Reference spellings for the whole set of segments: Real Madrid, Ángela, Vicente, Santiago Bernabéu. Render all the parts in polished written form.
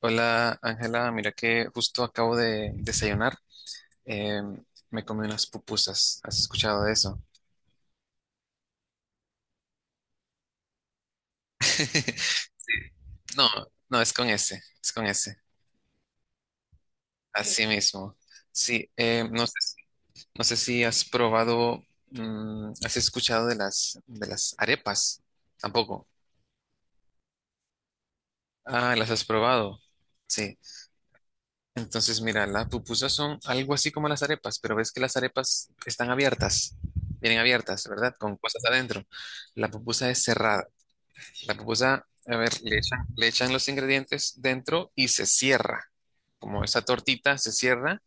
Hola Ángela, mira que justo acabo de desayunar. eh, Me comí unas pupusas. ¿Has escuchado de eso? No, no, es con ese, es con ese. Así mismo. Sí, no sé, no sé si has probado, has escuchado de de las arepas. Tampoco. Ah, las has probado. Sí. Entonces, mira, las pupusas son algo así como las arepas, pero ves que las arepas están abiertas, vienen abiertas, ¿verdad? Con cosas adentro. La pupusa es cerrada. La pupusa, a ver, le echan los ingredientes dentro y se cierra. Como esa tortita se cierra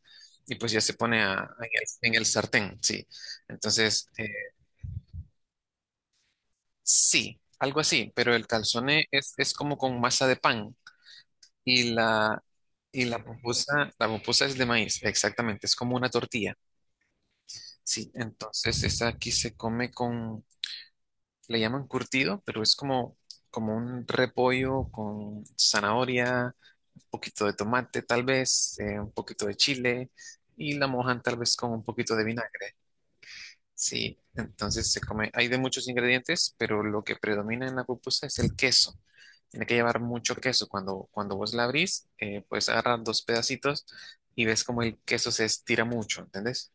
y pues ya se pone en en el sartén, sí. Entonces, sí, algo así, pero el calzone es como con masa de pan y y la pupusa es de maíz, exactamente, es como una tortilla, sí. Entonces, esta aquí se come con, le llaman curtido, pero es como, como un repollo con zanahoria poquito de tomate tal vez, un poquito de chile y la mojan tal vez con un poquito de vinagre. Sí, entonces se come, hay de muchos ingredientes, pero lo que predomina en la pupusa es el queso. Tiene que llevar mucho queso. Cuando vos la abrís, puedes agarrar dos pedacitos y ves como el queso se estira mucho, ¿entendés?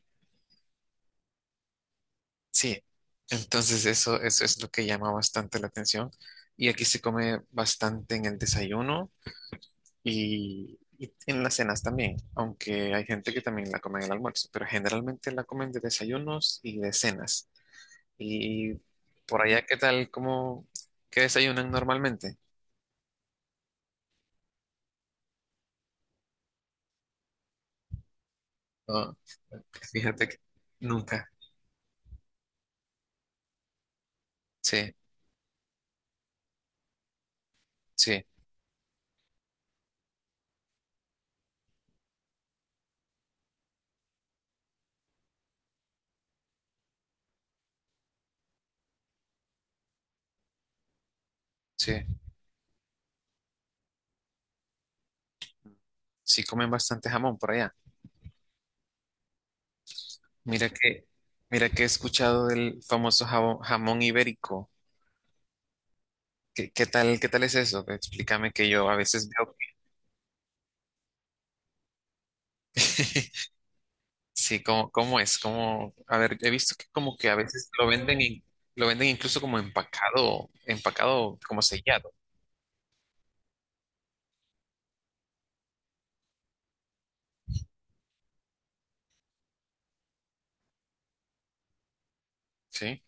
Sí, entonces eso es lo que llama bastante la atención. Y aquí se come bastante en el desayuno y en las cenas también, aunque hay gente que también la come en el almuerzo, pero generalmente la comen de desayunos y de cenas. Y por allá, ¿qué tal? ¿Cómo, qué desayunan normalmente? No, fíjate que nunca. Sí, sí, sí. Sí comen bastante jamón por allá. Mira que, mira que he escuchado del famoso jamón, ibérico. ¿Qué, qué tal es eso? Explícame que yo a veces veo. Sí, ¿cómo, cómo es? ¿Cómo? A ver, he visto que como que a veces lo venden y lo venden incluso como empacado, empacado como sellado. Sí,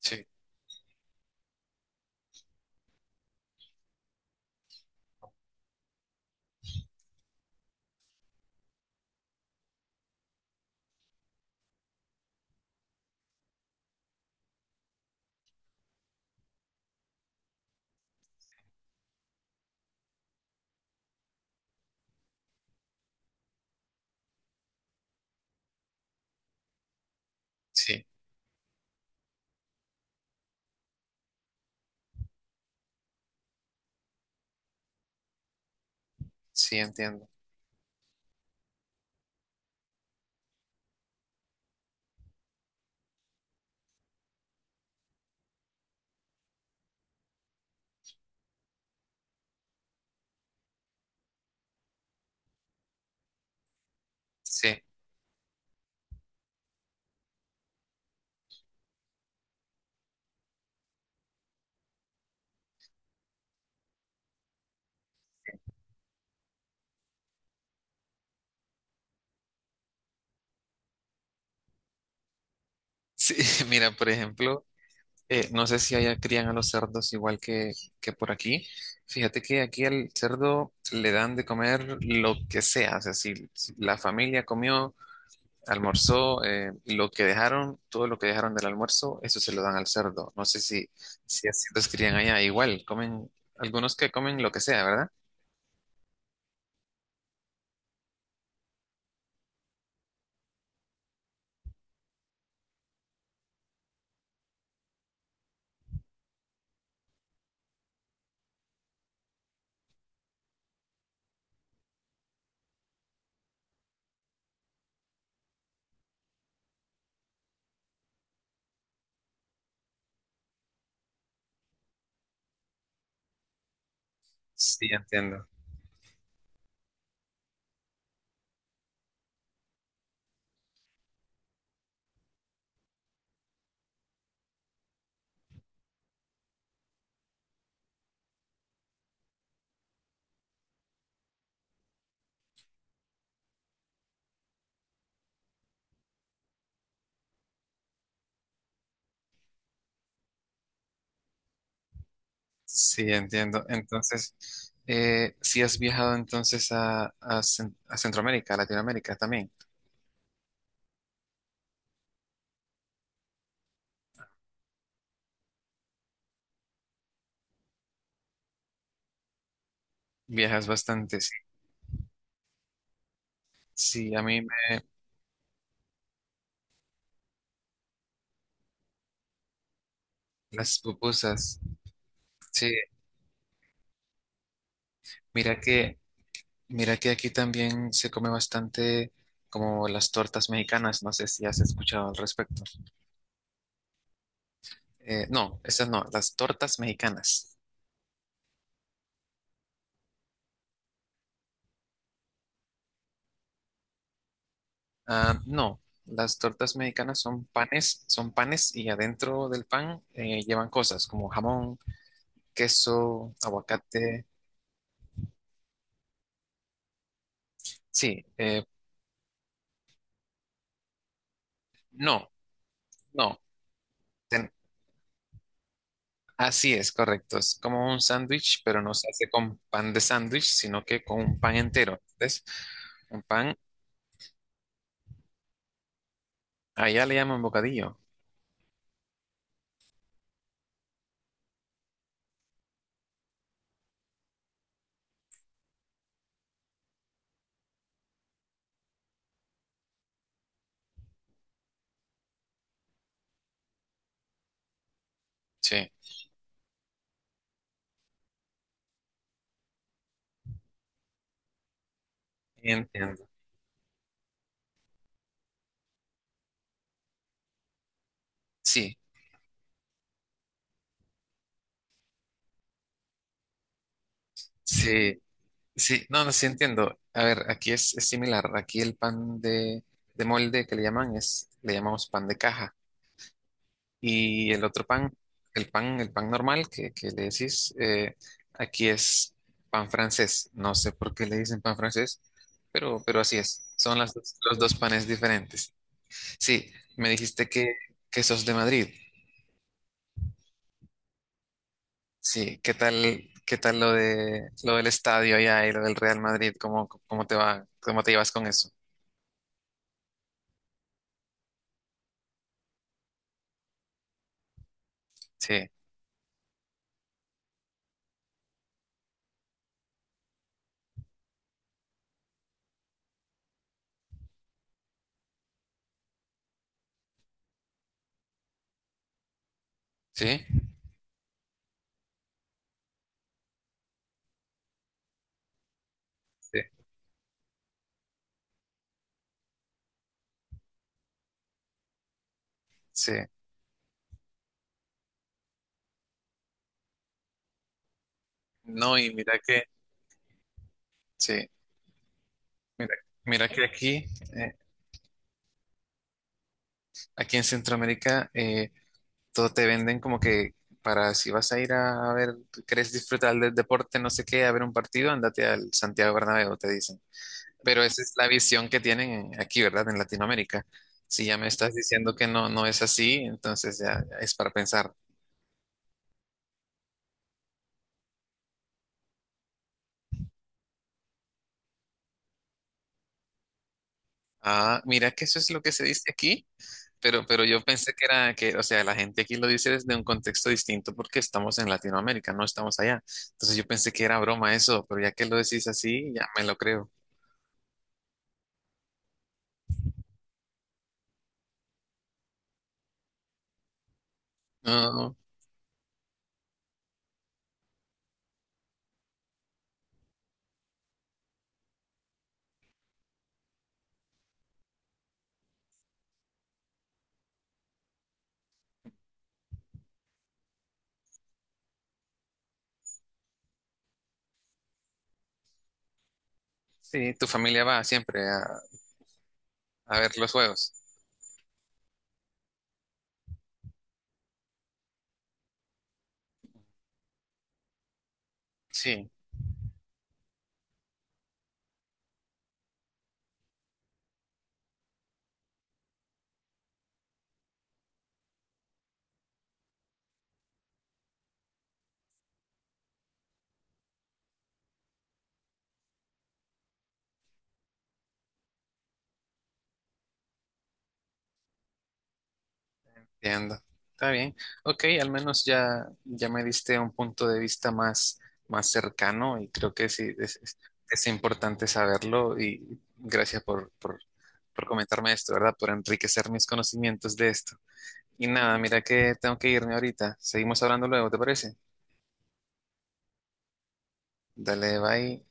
sí, sí, sí, entiendo. Sí, sí, mira, por ejemplo, no sé si allá crían a los cerdos igual que por aquí. Fíjate que aquí al cerdo le dan de comer lo que sea. O sea, si la familia comió. Almorzó, lo que dejaron, todo lo que dejaron del almuerzo, eso se lo dan al cerdo. No sé si, si así los crían allá. Igual, comen, algunos que comen lo que sea, ¿verdad? Sí, entiendo. Sí, entiendo. Entonces, si has viajado entonces a Centroamérica, a Latinoamérica también. Viajas bastante, sí. Sí, las pupusas. Sí, mira que, mira que aquí también se come bastante como las tortas mexicanas. No sé si has escuchado al respecto. No, esas no, las tortas mexicanas. Ah, no, las tortas mexicanas son panes y adentro del pan llevan cosas como jamón, queso, aguacate. Sí, no, no, ten- así es, correcto. Es como un sándwich, pero no se hace con pan de sándwich, sino que con un pan entero. ¿Ves? Un pan, allá le llaman bocadillo. Sí, entiendo. Sí, sí. Sí, no, no, sí entiendo. A ver, aquí es similar. Aquí el pan de molde que le llaman es, le llamamos pan de caja. Y el otro pan, el pan normal que le decís, aquí es pan francés. No sé por qué le dicen pan francés, pero así es. Son los dos panes diferentes. Sí, me dijiste que sos de Madrid. Sí, qué tal lo lo del estadio allá y lo del Real Madrid? ¿Cómo, cómo te va, cómo te llevas con eso? Sí, sí. Sí, sí. No, y mira que, sí, mira, mira que aquí, eh, aquí en Centroamérica, todo te venden como que para si vas a ir a, ver, querés disfrutar del deporte, no sé qué, a ver un partido, andate al Santiago Bernabéu, te dicen. Pero esa es la visión que tienen aquí, ¿verdad? En Latinoamérica. Si ya me estás diciendo que no, no es así, entonces ya es para pensar. Ah, mira que eso es lo que se dice aquí. Pero yo pensé que era que, o sea, la gente aquí lo dice desde un contexto distinto porque estamos en Latinoamérica, no estamos allá. Entonces yo pensé que era broma eso, pero ya que lo decís así, ya me lo creo. No, no. Sí, tu familia va siempre a ver los juegos. Sí, entiendo. Está bien. Ok, al menos ya me diste un punto de vista más, más cercano y creo que sí, es importante saberlo y gracias por comentarme esto, ¿verdad? Por enriquecer mis conocimientos de esto. Y nada, mira que tengo que irme ahorita. Seguimos hablando luego, ¿te parece? Dale, bye.